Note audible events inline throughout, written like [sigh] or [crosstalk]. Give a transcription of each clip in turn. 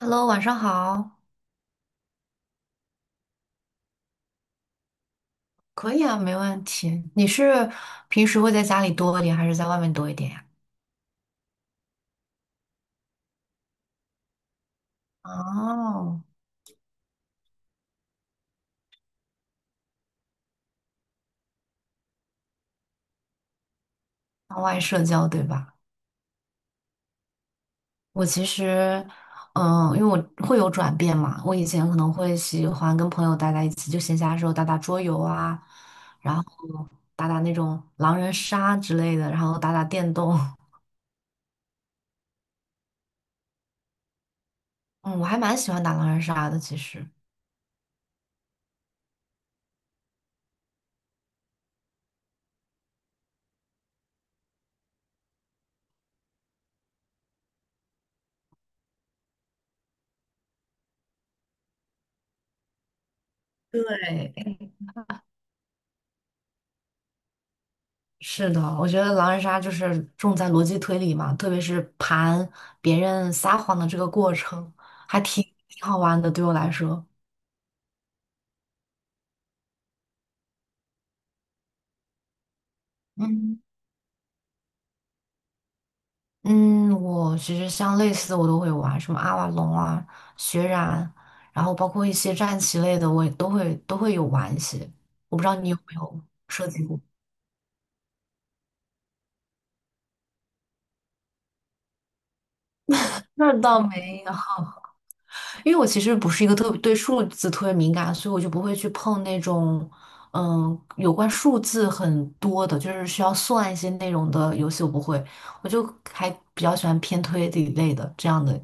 Hello，晚上好。可以啊，没问题。你是平时会在家里多一点，还是在外面多一点呀？哦，向外社交，对吧？我其实，因为我会有转变嘛。我以前可能会喜欢跟朋友待在一起，就闲暇的时候打打桌游啊，然后打打那种狼人杀之类的，然后打打电动。[laughs] 嗯，我还蛮喜欢打狼人杀的，其实。对，是的，我觉得狼人杀就是重在逻辑推理嘛，特别是盘别人撒谎的这个过程，还挺好玩的。对我来说，嗯嗯，我其实像类似的我都会玩，什么阿瓦隆啊、血染，然后包括一些战棋类的，我也都会有玩一些。我不知道你有没有涉及过？那倒没有。因为我其实不是一个特别对数字特别敏感，所以我就不会去碰那种，有关数字很多的，就是需要算一些内容的游戏，我不会，我就还比较喜欢偏推理类的这样的。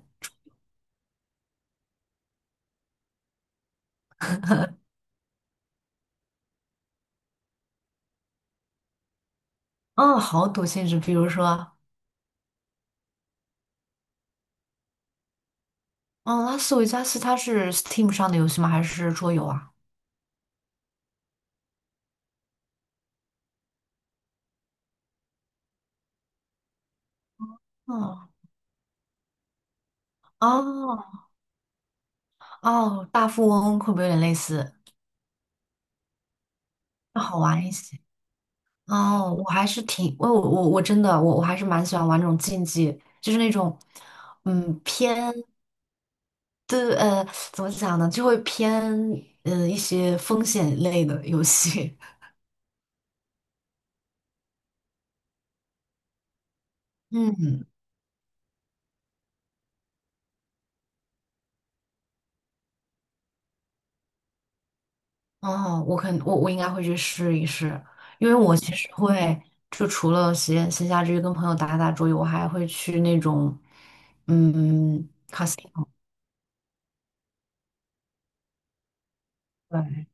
嗯，好赌性质，比如说，嗯，拉斯维加斯它是 Steam 上的游戏吗？还是桌游啊？嗯，哦哦，大富翁会不会有点类似？要好玩一些。哦，我还是挺，我我我真的我我还是蛮喜欢玩这种竞技，就是那种，偏对怎么讲呢，就会偏一些风险类的游戏。[laughs] 嗯，哦，我肯我我应该会去试一试，因为我其实会就除了闲暇之余跟朋友打打桌游，我还会去那种，嗯，对，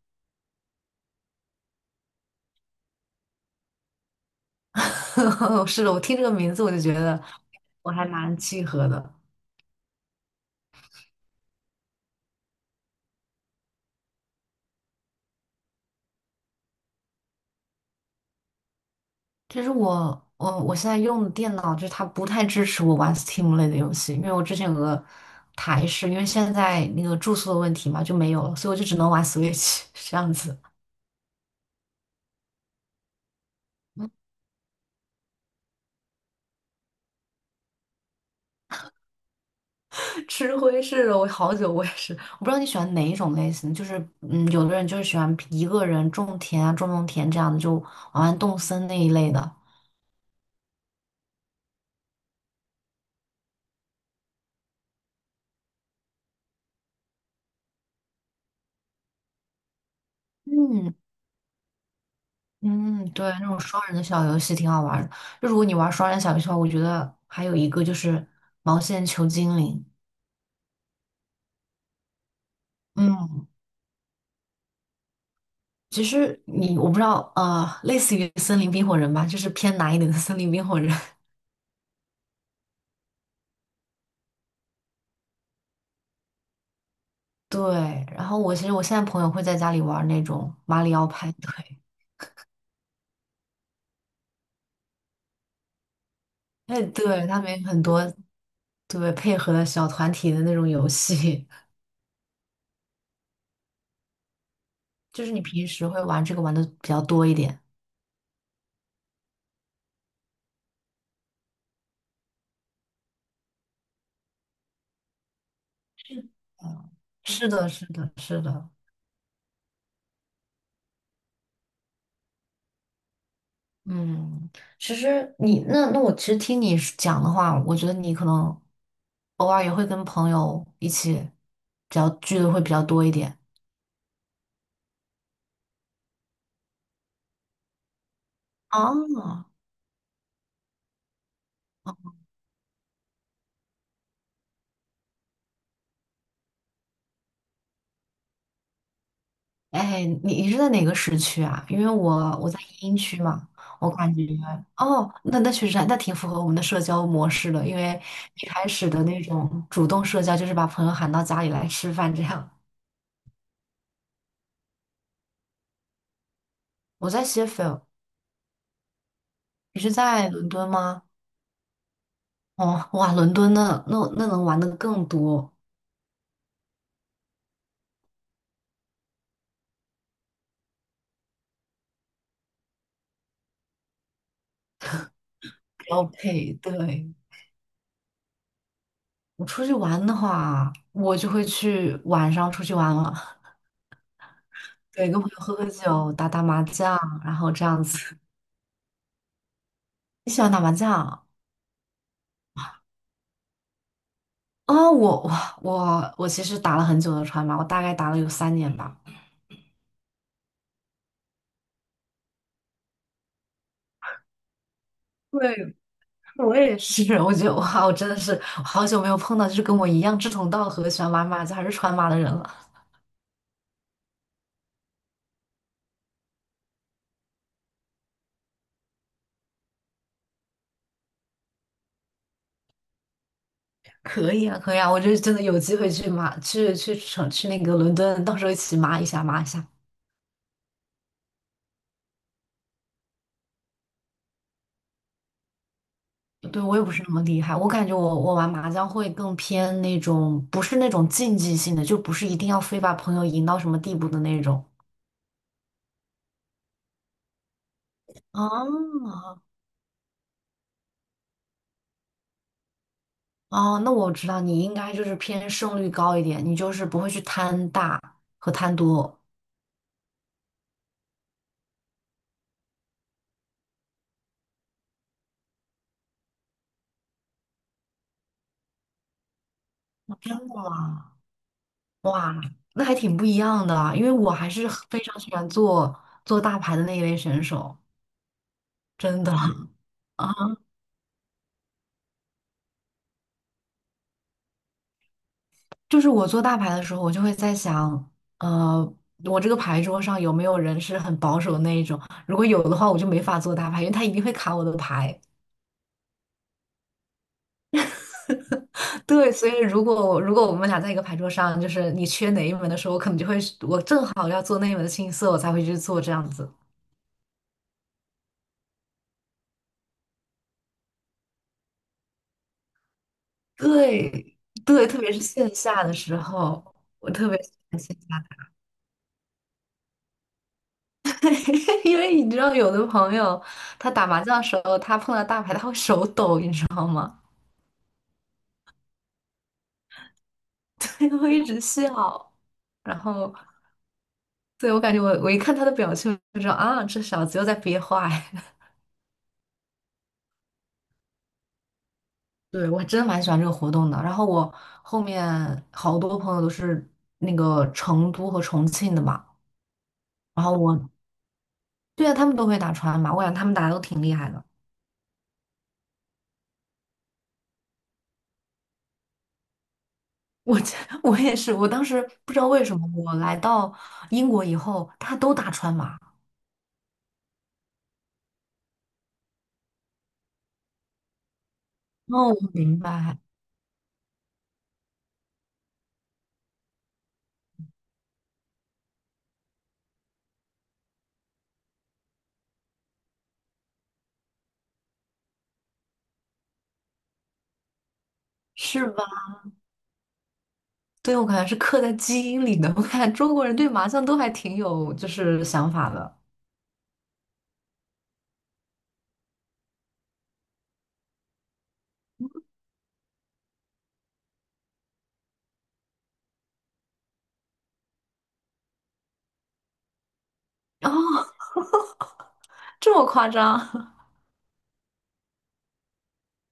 [laughs] 是的，我听这个名字我就觉得我还蛮契合的。就是我现在用的电脑，就是它不太支持我玩 Steam 类的游戏，因为我之前有个台式，因为现在那个住宿的问题嘛，就没有了，所以我就只能玩 Switch [laughs] 这样子，[laughs] 吃灰是了我好久，我也是，我不知道你喜欢哪一种类型，就是有的人就是喜欢一个人种田啊，种种田这样的，就玩玩动森那一类的。嗯嗯，对，那种双人的小游戏挺好玩的。就如果你玩双人小游戏的话，我觉得还有一个就是毛线球精灵。嗯。其实我不知道，类似于森林冰火人吧，就是偏难一点的森林冰火人。[laughs] 对，然后我其实我现在朋友会在家里玩那种马里奥派对，哎，对，他们有很多对配合的小团体的那种游戏，[laughs] 就是你平时会玩这个玩的比较多一点。嗯，是的，是的，是的。嗯，其实你那那我其实听你是讲的话，我觉得你可能偶尔也会跟朋友一起比较聚的会比较多一点。哦，哎，你是在哪个时区啊？因为我在英区嘛，我感觉哦，那确实还挺符合我们的社交模式的，因为一开始的那种主动社交就是把朋友喊到家里来吃饭这样。我在谢菲尔，你是在伦敦吗？哦，哇，伦敦那能玩的更多，标配。对，我出去玩的话，我就会去晚上出去玩了，对，跟朋友喝喝酒，打打麻将，然后这样子。你喜欢打麻将？啊，我其实打了很久的川麻，我大概打了有三年吧。对，我也是。[laughs] 我觉得哇，我真的是我好久没有碰到就是跟我一样志同道合、喜欢玩马将还是川马的人了。[laughs] 可以啊，可以啊，我就真的有机会去马去去城去那个伦敦，到时候一起麻一下。对，我也不是那么厉害，我感觉我我玩麻将会更偏那种不是那种竞技性的，就不是一定要非把朋友赢到什么地步的那种。哦，哦，那我知道你应该就是偏胜率高一点，你就是不会去贪大和贪多。真的吗？哇，那还挺不一样的啊，因为我还是非常喜欢做做大牌的那一类选手，真的。就是我做大牌的时候，我就会在想，呃，我这个牌桌上有没有人是很保守的那一种？如果有的话，我就没法做大牌，因为他一定会卡我的牌。对，所以如果我们俩在一个牌桌上，就是你缺哪一门的时候，我可能就会我正好要做那一门的清一色，我才会去做这样子。对对，特别是线下的时候，我特别喜欢线下打 [laughs] 因为你知道有的朋友他打麻将的时候，他碰到大牌他会手抖，你知道吗？[laughs] 他会一直笑，然后对我感觉我一看他的表情，我就知道啊，这小子又在憋坏。对，我还真蛮喜欢这个活动的。然后我后面好多朋友都是那个成都和重庆的嘛，然后对啊，他们都会打川麻，我感觉他们打的都挺厉害的。我这 [laughs] 我也是，我当时不知道为什么，我来到英国以后，大家都打川麻。哦，我明白，是吧？对，我感觉是刻在基因里的。我看中国人对麻将都还挺有就是想法的。哦，这么夸张？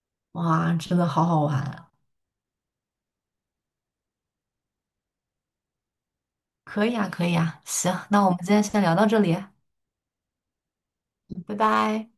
[laughs] 哇，真的好好玩。可以啊，可以啊，行，那我们今天先聊到这里，拜拜。